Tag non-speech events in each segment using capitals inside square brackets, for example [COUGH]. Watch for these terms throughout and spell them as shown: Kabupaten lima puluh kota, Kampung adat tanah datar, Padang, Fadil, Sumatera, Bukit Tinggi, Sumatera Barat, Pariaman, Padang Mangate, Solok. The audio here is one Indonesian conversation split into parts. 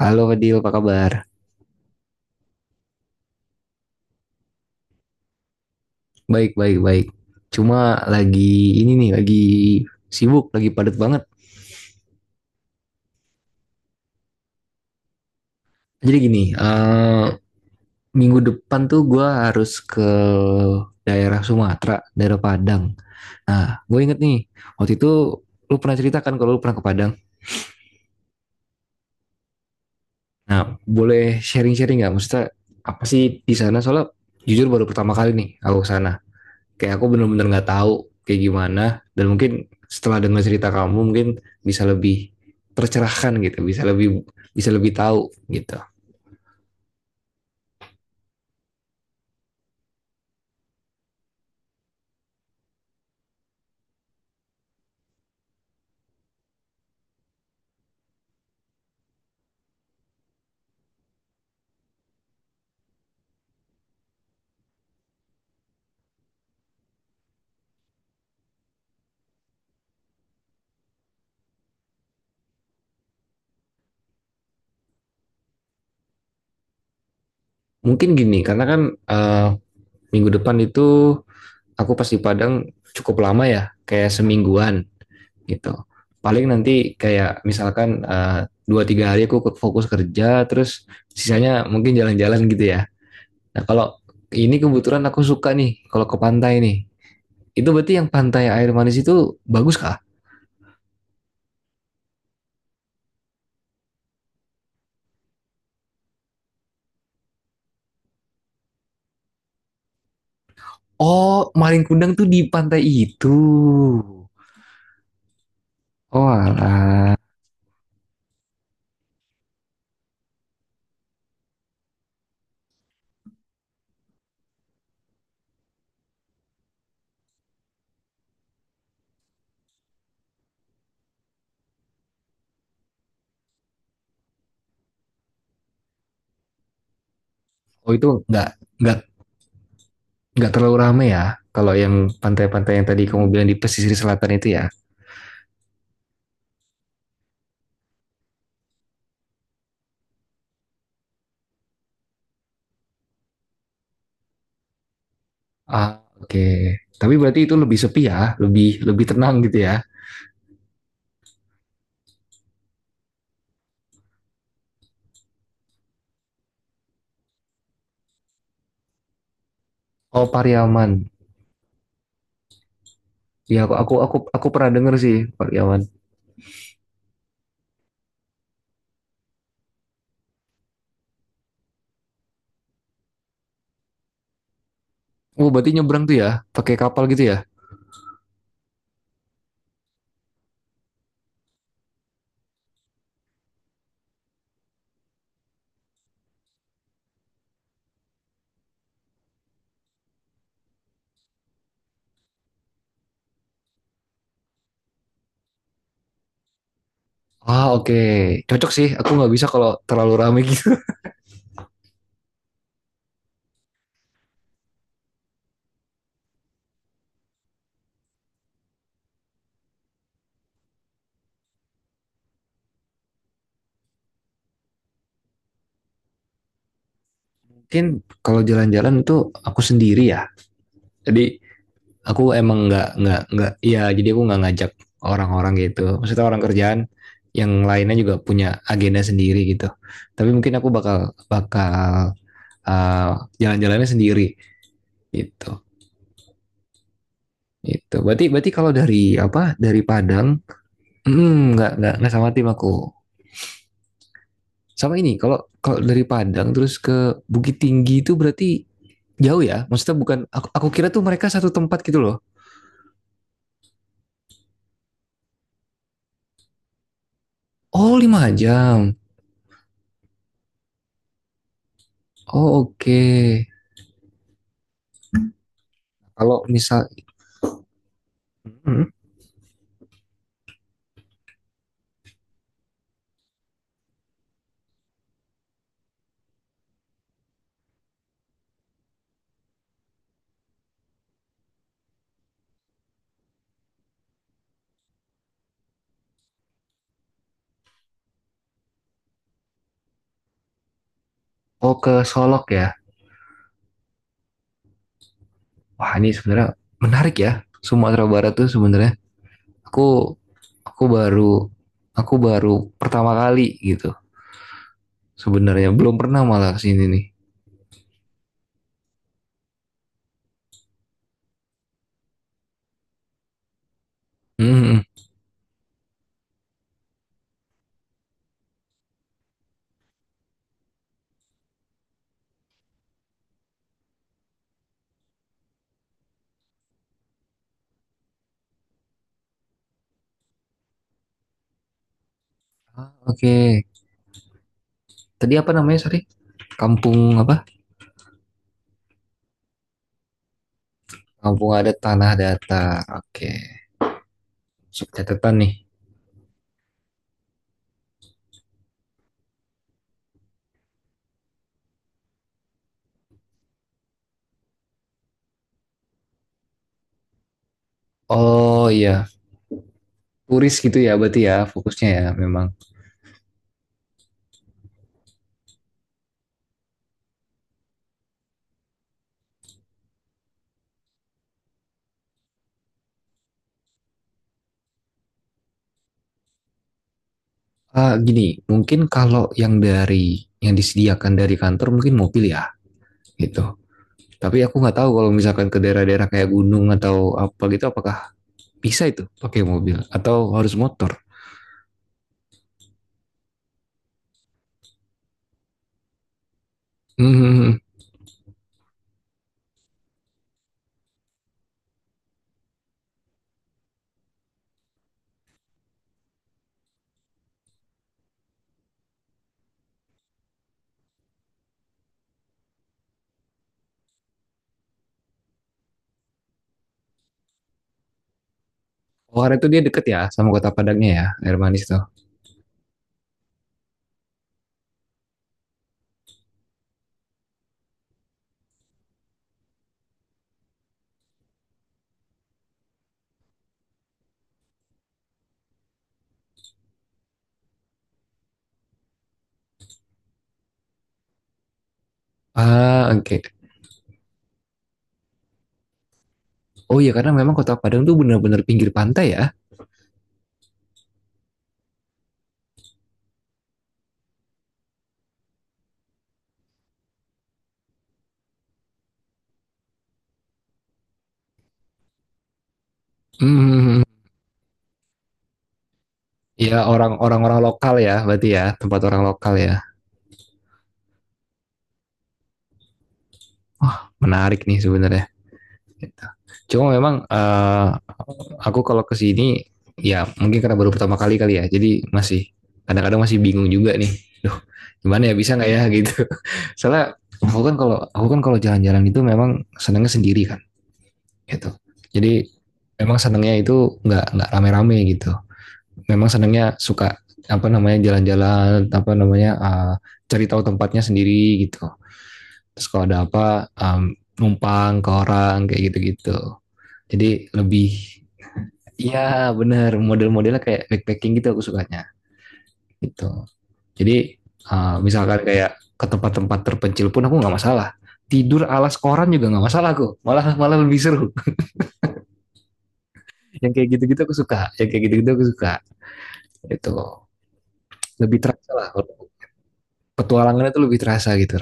Halo Fadil, apa kabar? Baik, baik, baik. Cuma lagi ini nih, lagi sibuk, lagi padat banget. Jadi gini, minggu depan tuh gue harus ke daerah Sumatera, daerah Padang. Nah, gue inget nih, waktu itu lu pernah ceritakan kalau lu pernah ke Padang. Nah, boleh sharing-sharing nggak? Maksudnya apa sih di sana? Soalnya jujur baru pertama kali nih aku ke sana. Kayak aku benar-benar nggak tahu kayak gimana, dan mungkin setelah dengar cerita kamu mungkin bisa lebih tercerahkan gitu, bisa lebih tahu gitu. Mungkin gini, karena kan minggu depan itu aku pas di Padang cukup lama ya, kayak semingguan gitu. Paling nanti kayak misalkan dua tiga hari aku fokus kerja, terus sisanya mungkin jalan-jalan gitu ya. Nah, kalau ini kebetulan aku suka nih kalau ke pantai nih. Itu berarti yang pantai air manis itu bagus kah? Oh, maling kundang tuh di pantai itu. Oh, alah. Oh, itu nggak nggak terlalu ramai ya. Kalau yang pantai-pantai yang tadi kamu bilang di pesisir selatan itu ya. Ah, oke. Okay. Tapi berarti itu lebih sepi ya, lebih lebih tenang gitu ya. Oh, Pariaman. Ya, aku pernah denger sih Pariaman. Oh, berarti nyebrang tuh ya, pakai kapal gitu ya? Ah, oke. Cocok sih. Aku nggak bisa kalau terlalu rame gitu. [LAUGHS] Mungkin kalau jalan-jalan itu aku sendiri ya. Jadi aku emang nggak nggak. Iya, jadi aku nggak ngajak orang-orang gitu. Maksudnya orang kerjaan yang lainnya juga punya agenda sendiri gitu. Tapi mungkin aku bakal bakal uh, jalan-jalannya sendiri gitu. Itu. Berarti berarti kalau dari apa? Dari Padang, nggak sama tim aku. Sama ini, kalau kalau dari Padang terus ke Bukit Tinggi itu berarti jauh ya? Maksudnya bukan, aku kira tuh mereka satu tempat gitu loh. Oh, 5 jam. Oh, oke. Okay. Kalau misal, hmm. Oh, ke Solok ya? Wah, ini sebenarnya menarik ya. Sumatera Barat tuh sebenarnya. Aku, aku baru, aku baru pertama kali gitu. Sebenarnya belum pernah malah kesini nih. Hmm. Hmm. Ah, oke. Okay. Tadi apa namanya, sorry? Kampung apa? Kampung adat Tanah Datar. Oke. Sub catatan nih. Oh iya, turis gitu ya berarti ya, fokusnya ya memang. Ah, gini, mungkin kalau yang dari yang disediakan dari kantor mungkin mobil ya gitu. Tapi aku nggak tahu kalau misalkan ke daerah-daerah kayak gunung atau apa gitu, apakah bisa itu pakai mobil atau harus motor. Hmm. Oh, karena itu dia deket ya sama kota Padangnya ya, air manis tuh. Ah, oke. Okay. Oh iya, karena memang kota Padang tuh benar-benar pinggir pantai ya. Hmm. Ya orang-orang, orang lokal ya berarti ya, tempat orang lokal ya. Wah, menarik nih sebenarnya. Gitu. Cuma memang aku kalau kesini ya mungkin karena baru pertama kali kali ya. Jadi masih kadang-kadang masih bingung juga nih. Duh, gimana ya, bisa nggak ya gitu. [LAUGHS] Soalnya aku kan kalau jalan-jalan itu memang senangnya sendiri kan, gitu. Jadi memang senangnya itu nggak rame-rame gitu. Memang senangnya suka apa namanya jalan-jalan, apa namanya, cari tahu tempatnya sendiri gitu. Terus kalau ada apa, em, numpang ke orang kayak gitu-gitu. Jadi lebih, ya benar, model-modelnya kayak backpacking gitu, aku sukanya gitu. Jadi, misalkan kayak ke tempat-tempat terpencil pun aku nggak masalah. Tidur alas koran juga nggak masalah aku. Malah malah lebih seru. [LAUGHS] Yang kayak gitu-gitu aku suka. Yang kayak gitu-gitu aku suka. Itu lebih terasa lah. Petualangannya tuh lebih terasa gitu.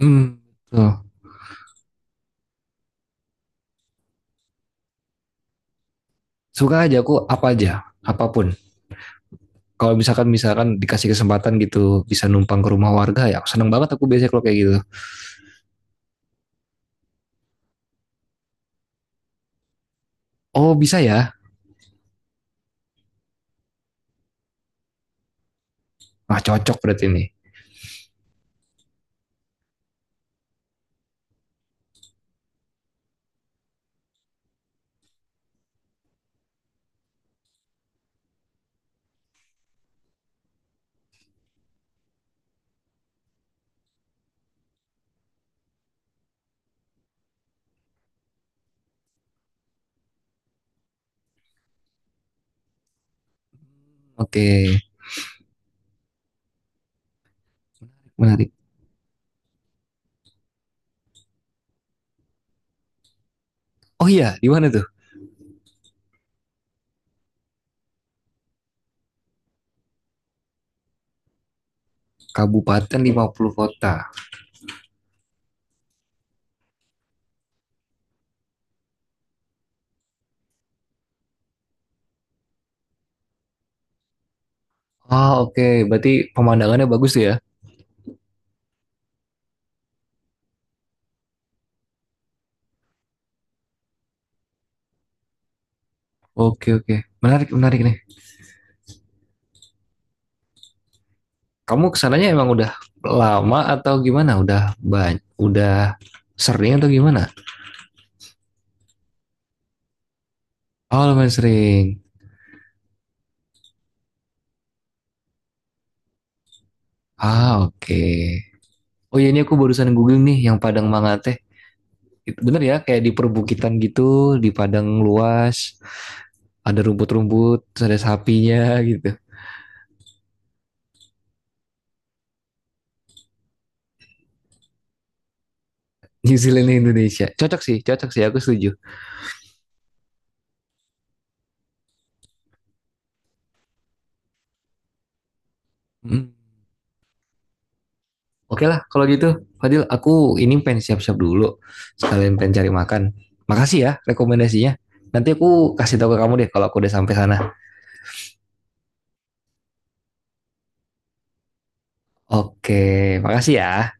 Hmm. Tuh. Suka aja aku apa aja, apapun. Kalau misalkan misalkan dikasih kesempatan gitu bisa numpang ke rumah warga ya aku seneng banget aku biasanya kalau kayak gitu. Oh, bisa ya. Wah, cocok berarti nih. Oke, menarik. Oh iya, di mana tuh? Kabupaten lima puluh kota. Ah, oke, okay. Berarti pemandangannya bagus tuh ya. Oke, okay, oke, okay. Menarik, menarik nih. Kamu kesananya emang udah lama atau gimana? Udah banyak, udah sering atau gimana? Oh, lumayan sering. Ah, oke. Okay. Oh iya, ini aku barusan googling nih yang Padang Mangate. Itu bener ya, kayak di perbukitan gitu, di padang luas, ada rumput-rumput, ada sapinya gitu. New Zealand Indonesia. Cocok sih, cocok sih. Aku setuju. Mm. Oke lah, kalau gitu, Fadil, aku ini pengen siap-siap dulu. Sekalian pengen cari makan. Makasih ya rekomendasinya. Nanti aku kasih tahu ke kamu deh kalau aku udah sampai sana. Oke, makasih ya.